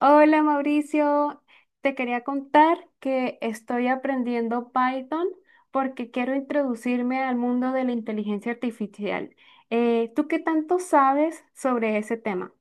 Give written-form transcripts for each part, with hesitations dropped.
Hola Mauricio, te quería contar que estoy aprendiendo Python porque quiero introducirme al mundo de la inteligencia artificial. ¿Tú qué tanto sabes sobre ese tema?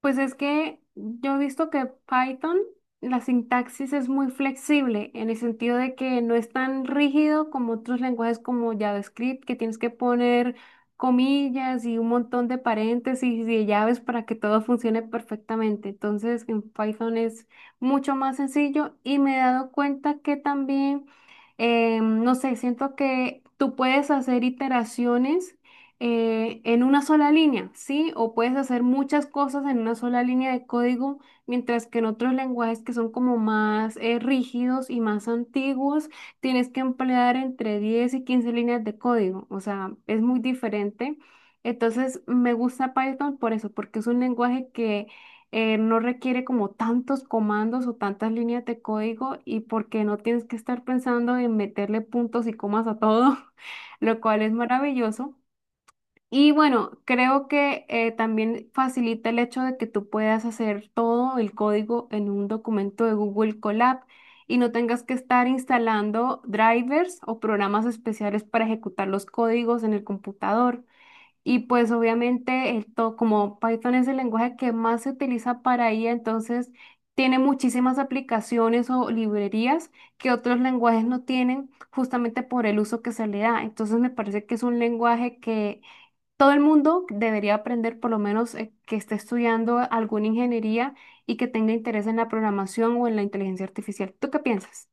Pues es que yo he visto que Python, la sintaxis es muy flexible en el sentido de que no es tan rígido como otros lenguajes como JavaScript, que tienes que poner comillas y un montón de paréntesis y de llaves para que todo funcione perfectamente. Entonces, en Python es mucho más sencillo y me he dado cuenta que también, no sé, siento que tú puedes hacer iteraciones en una sola línea, ¿sí? O puedes hacer muchas cosas en una sola línea de código, mientras que en otros lenguajes que son como más rígidos y más antiguos, tienes que emplear entre 10 y 15 líneas de código, o sea, es muy diferente. Entonces, me gusta Python por eso, porque es un lenguaje que no requiere como tantos comandos o tantas líneas de código y porque no tienes que estar pensando en meterle puntos y comas a todo, lo cual es maravilloso. Y bueno, creo que también facilita el hecho de que tú puedas hacer todo el código en un documento de Google Colab y no tengas que estar instalando drivers o programas especiales para ejecutar los códigos en el computador. Y pues obviamente como Python es el lenguaje que más se utiliza para IA, entonces tiene muchísimas aplicaciones o librerías que otros lenguajes no tienen justamente por el uso que se le da. Entonces me parece que es un lenguaje que todo el mundo debería aprender, por lo menos que esté estudiando alguna ingeniería y que tenga interés en la programación o en la inteligencia artificial. ¿Tú qué piensas?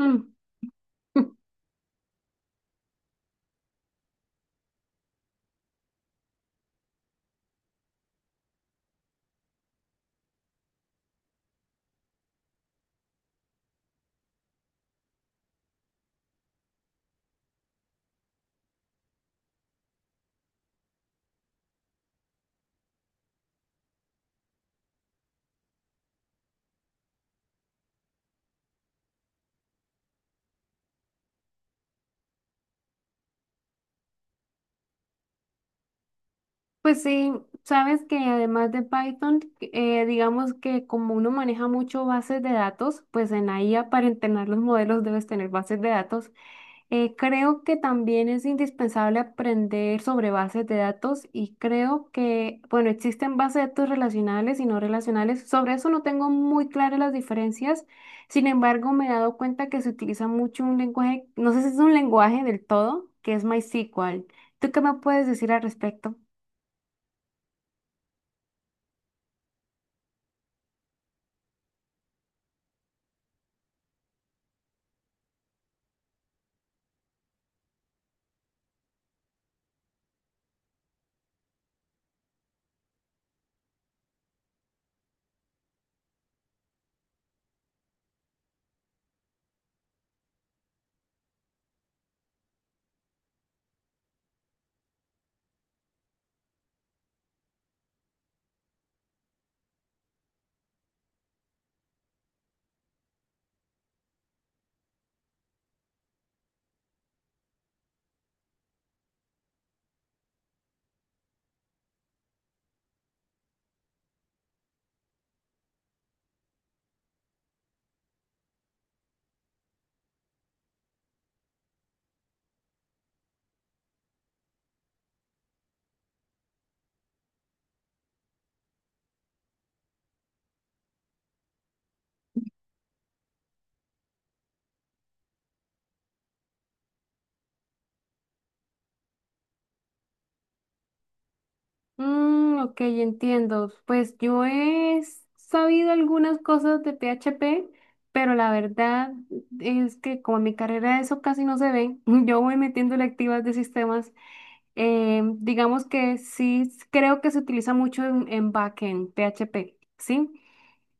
Mm. Pues sí, sabes que además de Python, digamos que como uno maneja mucho bases de datos, pues en la IA para entrenar los modelos debes tener bases de datos. Creo que también es indispensable aprender sobre bases de datos y creo que, bueno, existen bases de datos relacionales y no relacionales. Sobre eso no tengo muy claras las diferencias. Sin embargo, me he dado cuenta que se utiliza mucho un lenguaje, no sé si es un lenguaje del todo, que es MySQL. ¿Tú qué me puedes decir al respecto? Mm, ok, entiendo. Pues yo he sabido algunas cosas de PHP, pero la verdad es que como en mi carrera eso casi no se ve, yo voy metiendo electivas de sistemas. Digamos que sí creo que se utiliza mucho en, backend, PHP, ¿sí?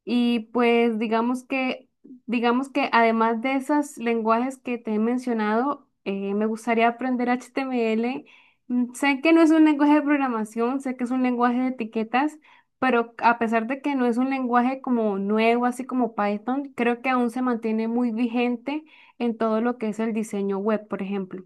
Y pues digamos que además de esos lenguajes que te he mencionado, me gustaría aprender HTML. Sé que no es un lenguaje de programación, sé que es un lenguaje de etiquetas, pero a pesar de que no es un lenguaje como nuevo, así como Python, creo que aún se mantiene muy vigente en todo lo que es el diseño web, por ejemplo.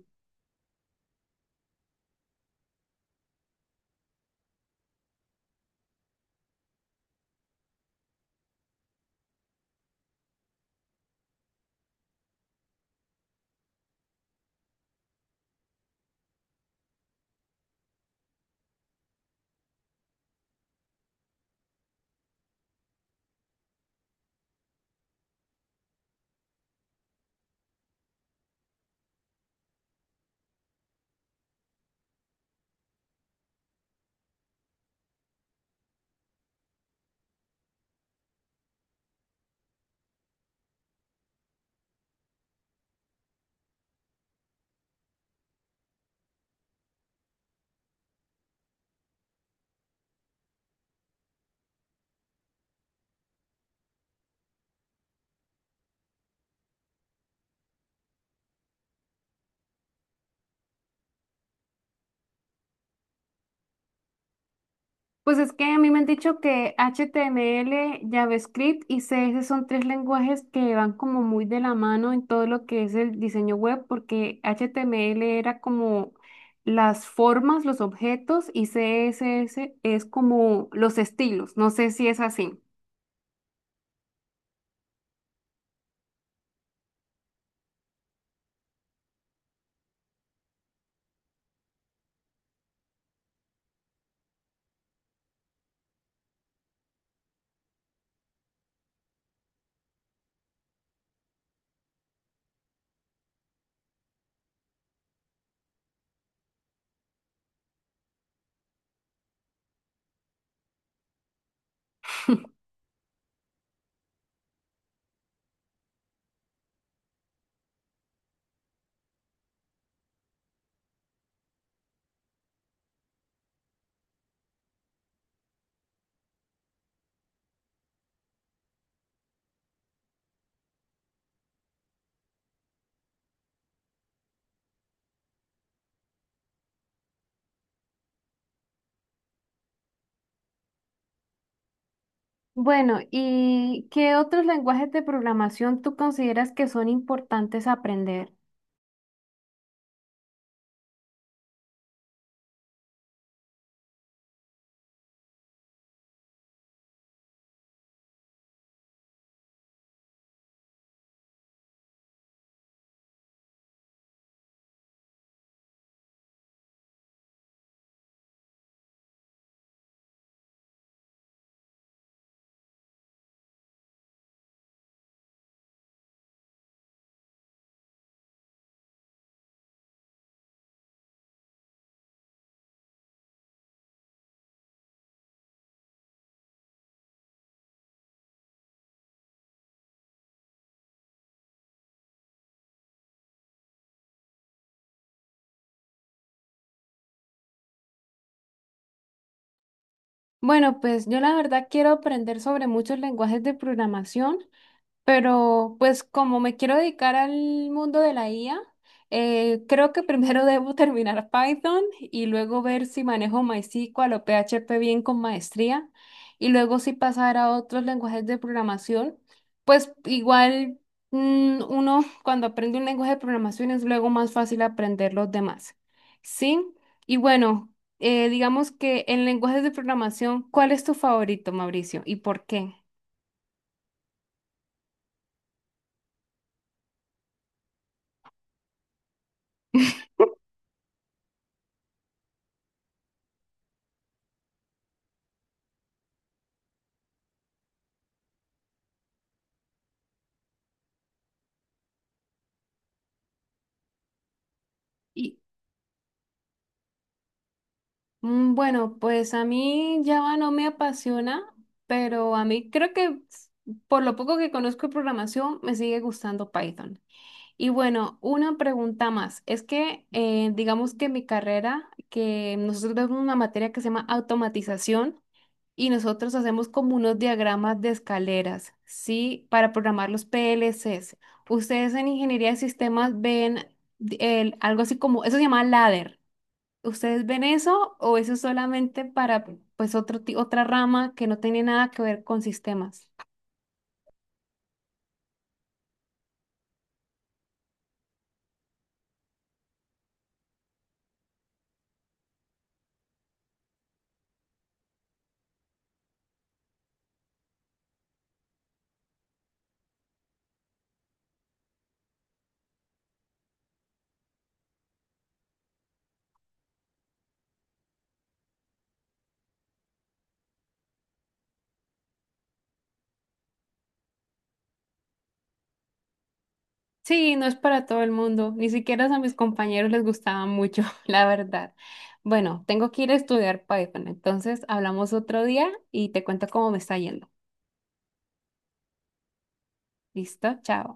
Pues es que a mí me han dicho que HTML, JavaScript y CS son tres lenguajes que van como muy de la mano en todo lo que es el diseño web, porque HTML era como las formas, los objetos y CSS es como los estilos. No sé si es así. Bueno, ¿y qué otros lenguajes de programación tú consideras que son importantes aprender? Bueno, pues yo la verdad quiero aprender sobre muchos lenguajes de programación. Pero pues como me quiero dedicar al mundo de la IA, creo que primero debo terminar Python y luego ver si manejo MySQL o PHP bien con maestría y luego si pasar a otros lenguajes de programación. Pues igual uno cuando aprende un lenguaje de programación es luego más fácil aprender los demás. ¿Sí? Y bueno, digamos que en lenguajes de programación, ¿cuál es tu favorito, Mauricio? ¿Y por qué? Bueno, pues a mí Java no me apasiona, pero a mí creo que por lo poco que conozco de programación me sigue gustando Python. Y bueno, una pregunta más. Es que digamos que mi carrera, que nosotros vemos una materia que se llama automatización y nosotros hacemos como unos diagramas de escaleras, ¿sí? Para programar los PLCs. Ustedes en ingeniería de sistemas ven algo así como, eso se llama ladder. ¿Ustedes ven eso o eso es solamente para pues otro, otra rama que no tiene nada que ver con sistemas? Sí, no es para todo el mundo, ni siquiera a mis compañeros les gustaba mucho, la verdad. Bueno, tengo que ir a estudiar Python, entonces hablamos otro día y te cuento cómo me está yendo. ¿Listo? Chao.